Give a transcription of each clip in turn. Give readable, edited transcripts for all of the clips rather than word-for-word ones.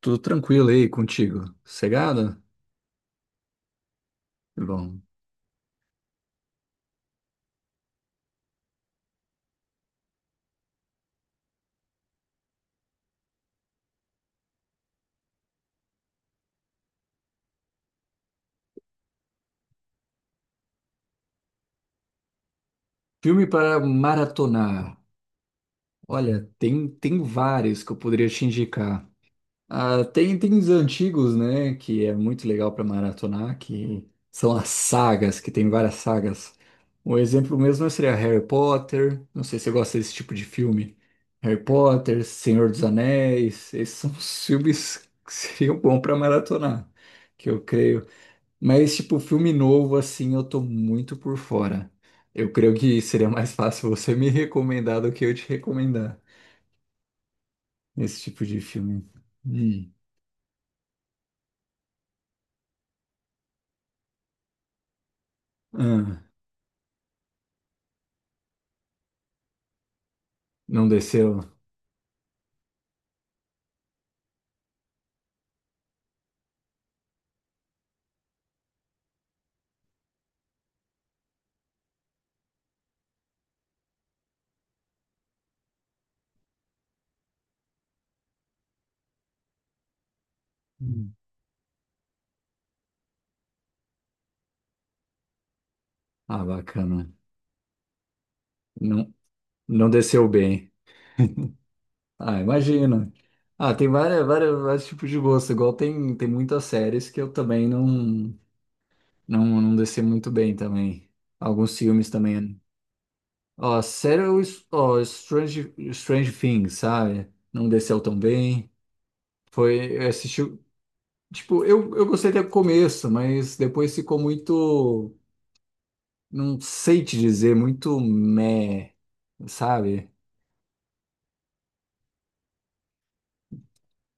Tudo tranquilo aí contigo? Sossegado? Bom. Filme para maratonar. Olha, tem vários que eu poderia te indicar. Ah, tem os antigos, né? Que é muito legal para maratonar, que são as sagas, que tem várias sagas. Um exemplo mesmo seria Harry Potter. Não sei se você gosta desse tipo de filme. Harry Potter, Senhor dos Anéis. Esses são os filmes que seriam bons para maratonar. Que eu creio. Mas, tipo, filme novo, assim, eu tô muito por fora. Eu creio que seria mais fácil você me recomendar do que eu te recomendar esse tipo de filme. Hum. Ah, não desceu? Hum. Ah, bacana. Não, não desceu bem. Ah, imagina. Ah, tem várias, vários tipos de gosto. Igual tem muitas séries que eu também não desci muito bem também. Alguns filmes também. Ó, sério, o S- ó, Strange, Strange Things, sabe? Não desceu tão bem. Foi, eu assisti, tipo, eu gostei até o começo, mas depois ficou muito, não sei te dizer, muito meh, sabe?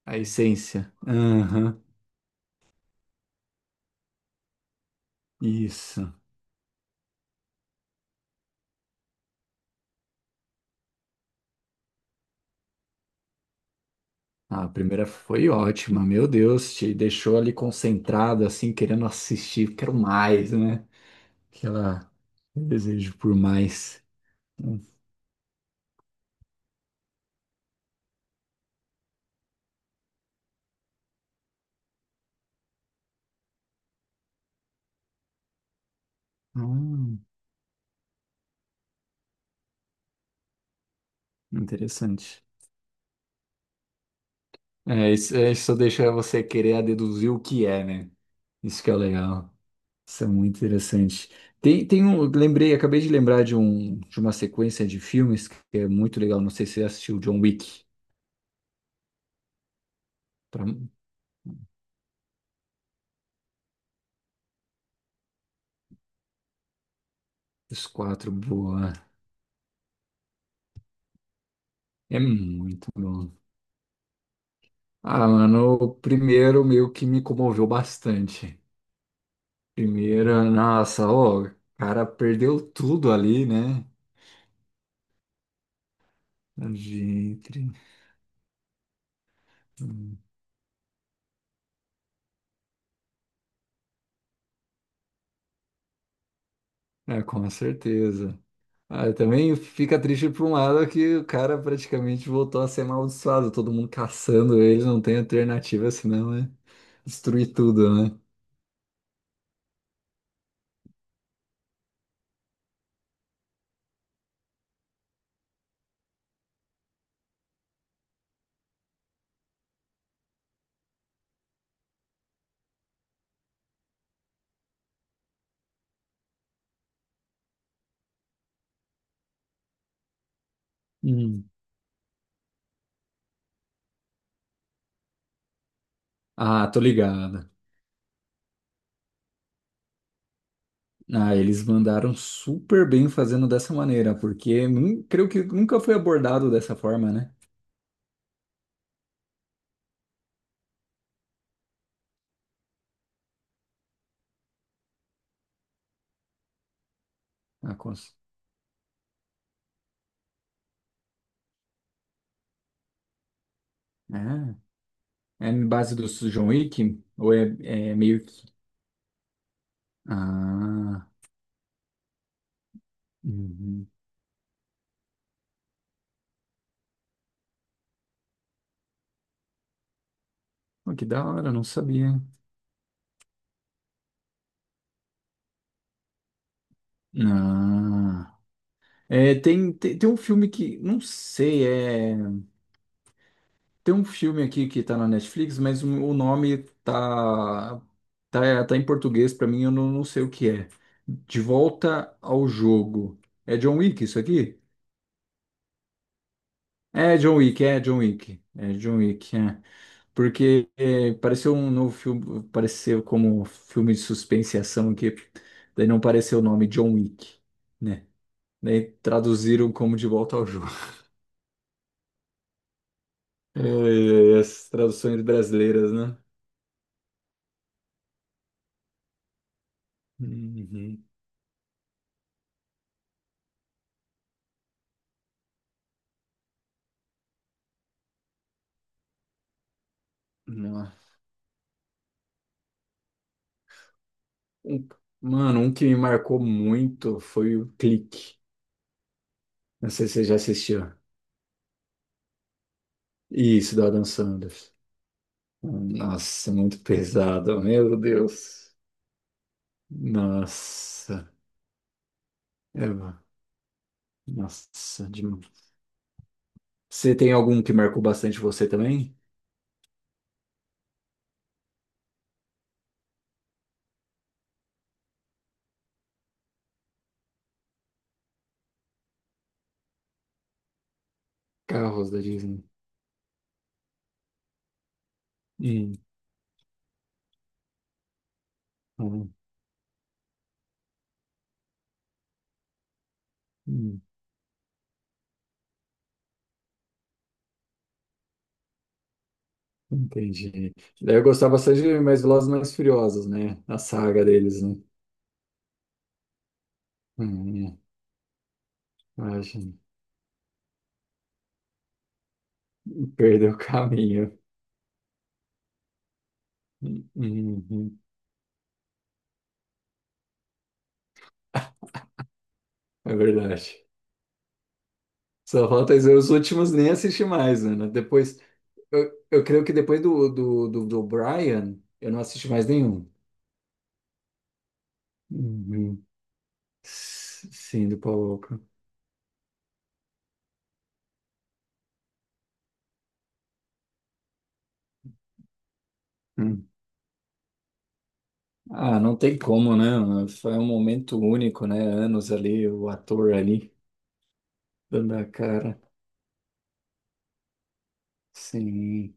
A essência. Aham, isso. Ah, a primeira foi ótima, meu Deus, te deixou ali concentrado, assim, querendo assistir, quero mais, né? Aquela desejo por mais. Hum, hum, interessante. É, isso só deixa você querer a deduzir o que é, né? Isso que é o legal. Isso é muito interessante. Tem, tem um, lembrei, acabei de lembrar de um, de uma sequência de filmes que é muito legal. Não sei se você assistiu John Wick. Pra, os quatro, boa. É muito bom. Ah, mano, o primeiro meio que me comoveu bastante. Primeiro, nossa, ó, o cara perdeu tudo ali, né? Gente, é, com certeza. Ah, eu também fica triste por um lado que o cara praticamente voltou a ser amaldiçoado, todo mundo caçando ele, não tem alternativa senão é destruir tudo, né? Hum. Ah, tô ligado. Ah, eles mandaram super bem fazendo dessa maneira, porque nun- creio que nunca foi abordado dessa forma, né? Ah, cons... ah, é em base do John Wick? Ou é, é meio que. Ah, uhum. Oh, que da hora, não sabia. Ah. É, tem um filme que, não sei, é, tem um filme aqui que tá na Netflix, mas o nome tá, tá em português pra mim, eu não sei o que é. De Volta ao Jogo. É John Wick isso aqui? É John Wick, é John Wick. É John Wick, é. Porque é, pareceu um novo filme, pareceu como um filme de suspense e ação aqui, daí não pareceu o nome John Wick, né? Daí traduziram como De Volta ao Jogo. Ai, ai, as traduções brasileiras, né? Uhum. Não. Um- mano, um que me marcou muito foi o Clique. Não sei se você já assistiu. Isso, do Adam Sanders. Nossa, muito pesado, meu Deus. Nossa, Eva, nossa, demais. Você tem algum que marcou bastante você também? Carros da Disney. Hum, hum, hum, entendi. Daí eu gostava bastante de Mais Velozes e Mais Furiosos, né? A saga deles, né? Hum. Imagina. Perdeu o caminho. Uhum, é verdade. Só falta dizer, os últimos nem assisti mais, Ana. Depois, eu creio que depois do Brian, eu não assisti mais nenhum. Uhum. S- Sim, do Paul Walker. Hum. Ah, não tem como, né, Ana? Foi um momento único, né? Anos ali, o ator ali, dando a cara. Sim,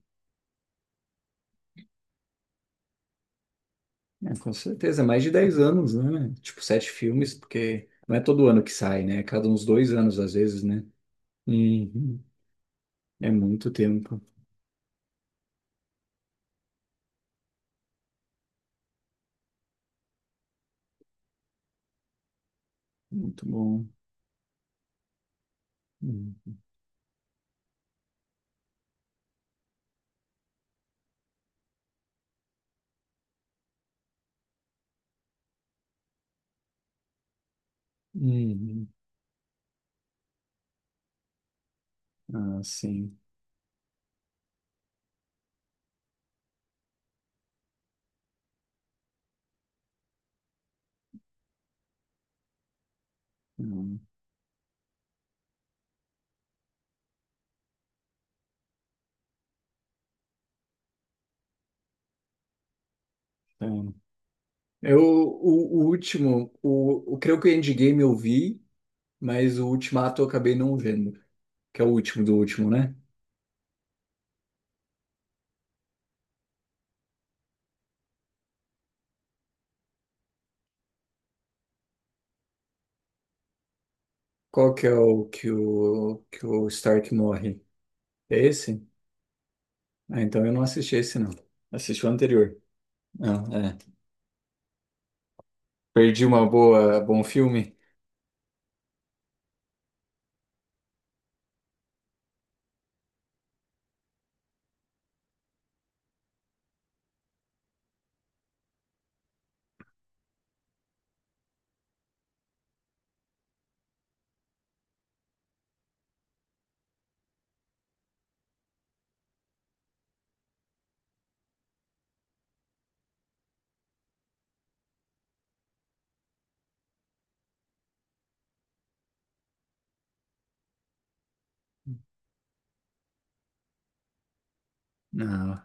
é, com certeza. É mais de 10 anos, né? Tipo, sete filmes, porque não é todo ano que sai, né? É cada uns 2 anos, às vezes, né? Uhum. É muito tempo. Muito bom. Uhum. Uhum. Ah, sim. Uhum. É. Eu, o último, o creio que o Endgame eu vi, mas o Ultimato eu acabei não vendo, que é o último do último, né? Qual que é o que que o Stark morre? É esse? Ah, então eu não assisti esse, não. Assisti o anterior. Ah, é. Perdi uma boa, bom filme? Não.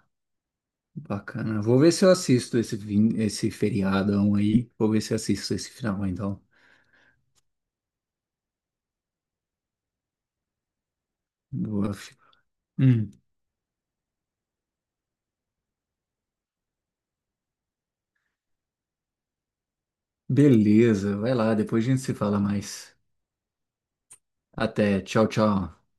Bacana. Vou ver se eu assisto esse, vin- esse feriadão aí. Vou ver se eu assisto esse final, então. Boa. Fi- Hum, beleza, vai lá, depois a gente se fala mais. Até, tchau, tchau.